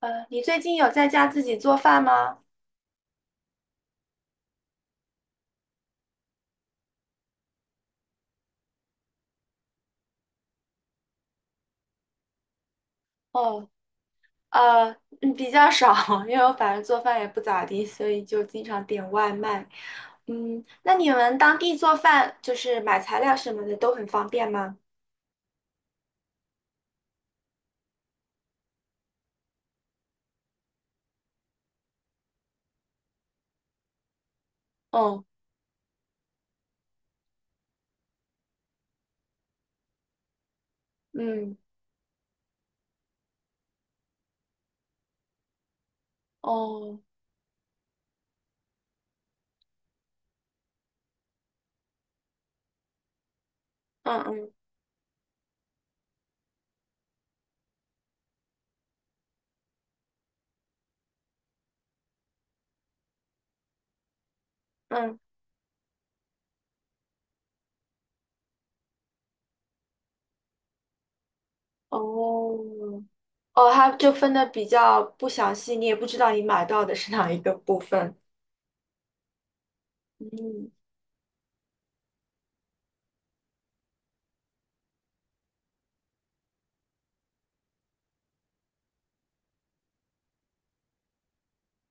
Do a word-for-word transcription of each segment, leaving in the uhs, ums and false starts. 呃，你最近有在家自己做饭吗？哦。呃，嗯比较少，因为我反正做饭也不咋地，所以就经常点外卖。嗯，那你们当地做饭就是买材料什么的都很方便吗？哦。嗯。哦。嗯嗯嗯。哦。哦，它就分的比较不详细，你也不知道你买到的是哪一个部分。嗯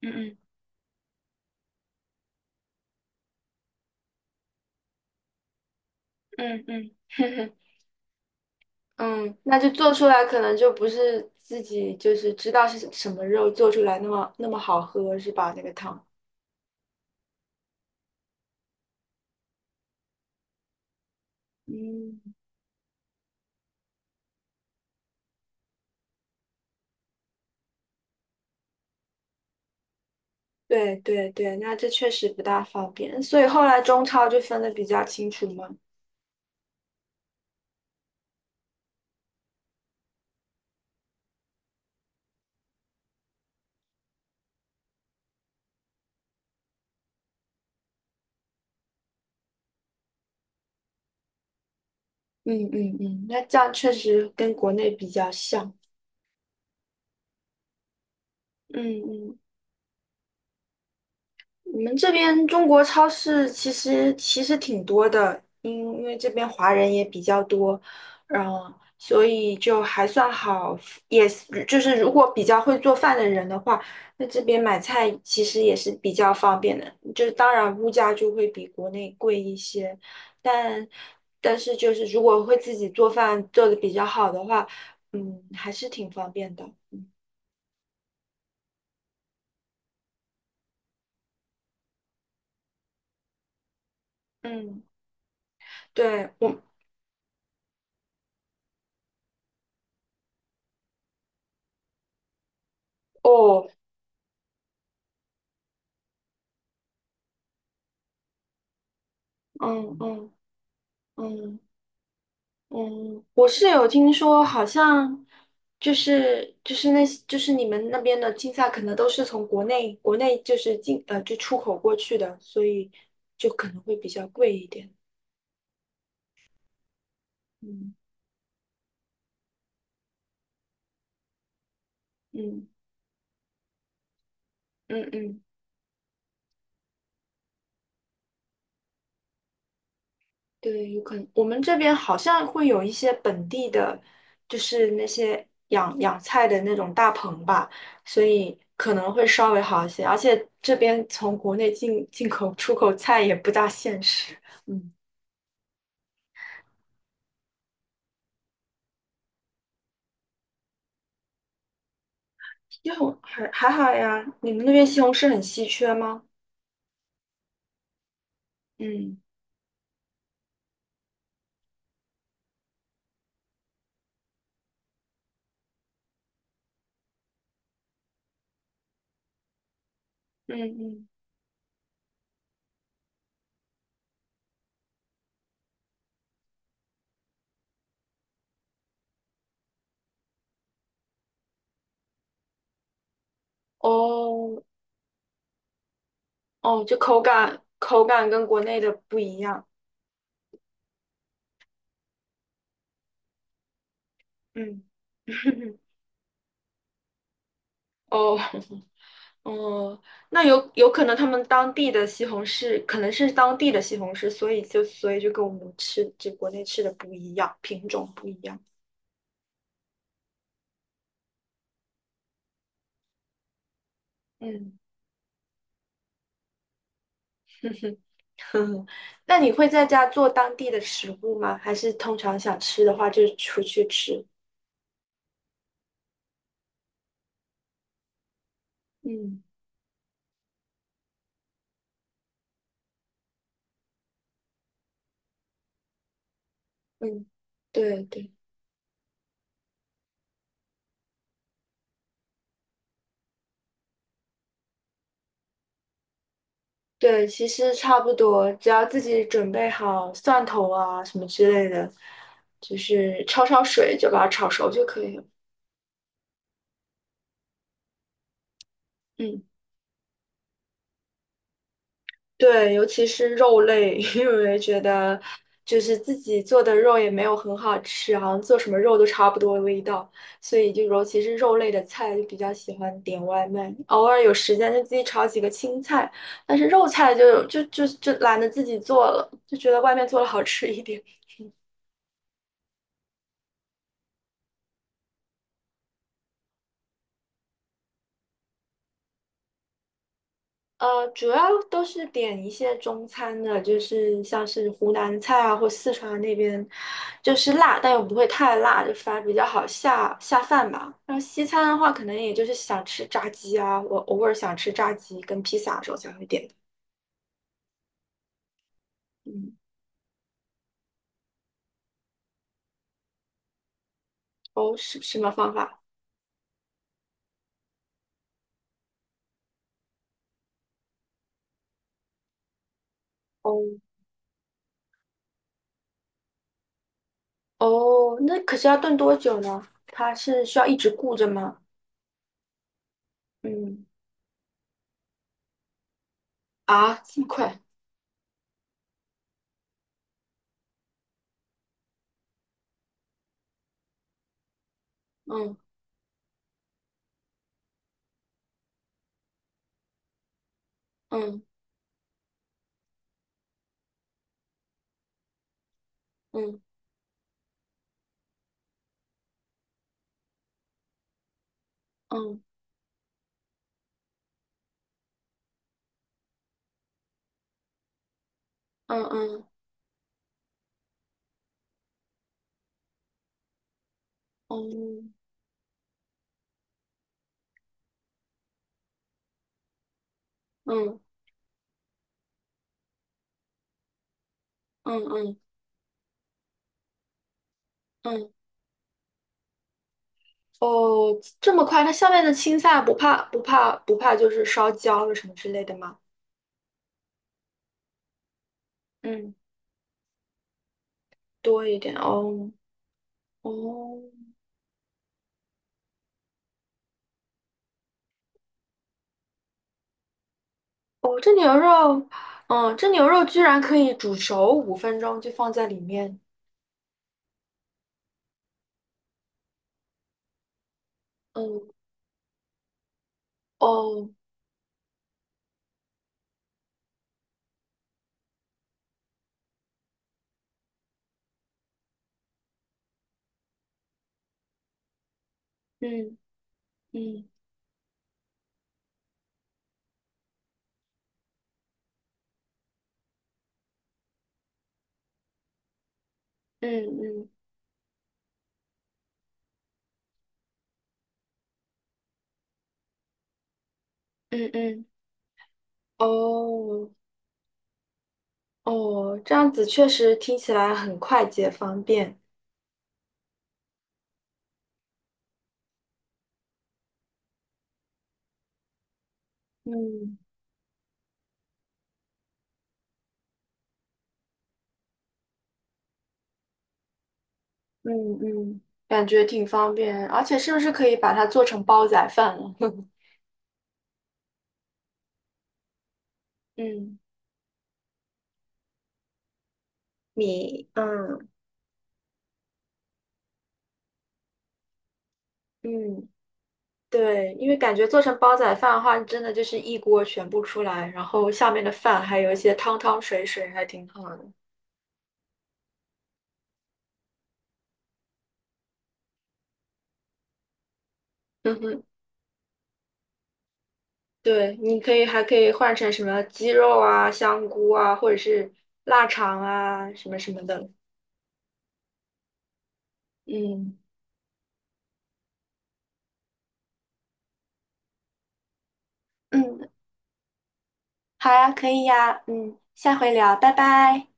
嗯嗯嗯嗯。嗯，那就做出来可能就不是自己就是知道是什么肉做出来那么那么好喝是吧？那个汤。嗯，对对对，那这确实不大方便，所以后来中超就分的比较清楚嘛。嗯嗯嗯，那这样确实跟国内比较像。嗯嗯。我们这边中国超市其实其实挺多的，因因为这边华人也比较多，然后所以就还算好，也是就是如果比较会做饭的人的话，那这边买菜其实也是比较方便的，就是当然物价就会比国内贵一些，但但是就是如果会自己做饭做的比较好的话，嗯，还是挺方便的。嗯。嗯对我哦。嗯嗯。嗯嗯，我是有听说，好像就是就是那些就是你们那边的青菜，可能都是从国内国内就是进呃就出口过去的，所以就可能会比较贵一点。嗯嗯嗯嗯。对，有可能我们这边好像会有一些本地的，就是那些养养菜的那种大棚吧，所以可能会稍微好一些。而且这边从国内进进口出口菜也不大现实。嗯。西红还还好呀，你们那边西红柿很稀缺吗？嗯嗯嗯。哦哦，就口感口感跟国内的不一样。嗯。哦哦，那有有可能他们当地的西红柿可能是当地的西红柿，所以就所以就跟我们吃就国内吃的不一样，品种不一样。嗯，嗯，那你会在家做当地的食物吗？还是通常想吃的话就出去吃？嗯。嗯。对对。对，其实差不多，只要自己准备好蒜头啊什么之类的，就是焯焯水就把它炒熟就可以了。嗯，对，尤其是肉类，因为觉得就是自己做的肉也没有很好吃，好像做什么肉都差不多的味道，所以就尤其是肉类的菜就比较喜欢点外卖，偶尔有时间就自己炒几个青菜，但是肉菜就就就就懒得自己做了，就觉得外面做的好吃一点。呃，主要都是点一些中餐的，就是像是湖南菜啊，或四川那边，就是辣，但又不会太辣，就反而比较好下下饭吧。然后西餐的话，可能也就是想吃炸鸡啊，我偶尔想吃炸鸡跟披萨的时候才会点的。嗯。哦，是什么方法？哦哦，那可是要炖多久呢？它是需要一直顾着吗？嗯。啊，这么快？嗯嗯嗯嗯嗯嗯嗯嗯嗯嗯嗯。哦，这么快？它下面的青菜不怕不怕不怕，就是烧焦了什么之类的吗？嗯，多一点哦。哦哦。这牛肉，嗯，这牛肉居然可以煮熟五分钟就放在里面。嗯哦嗯嗯嗯嗯嗯嗯。哦哦，这样子确实听起来很快捷方便。嗯嗯嗯，感觉挺方便，而且是不是可以把它做成煲仔饭了？嗯米。嗯嗯。对，因为感觉做成煲仔饭的话，真的就是一锅全部出来，然后下面的饭还有一些汤汤水水，还挺好的。嗯哼。对，你可以还可以换成什么鸡肉啊、香菇啊，或者是腊肠啊，什么什么的。嗯嗯，好呀，可以呀，嗯，下回聊，拜拜。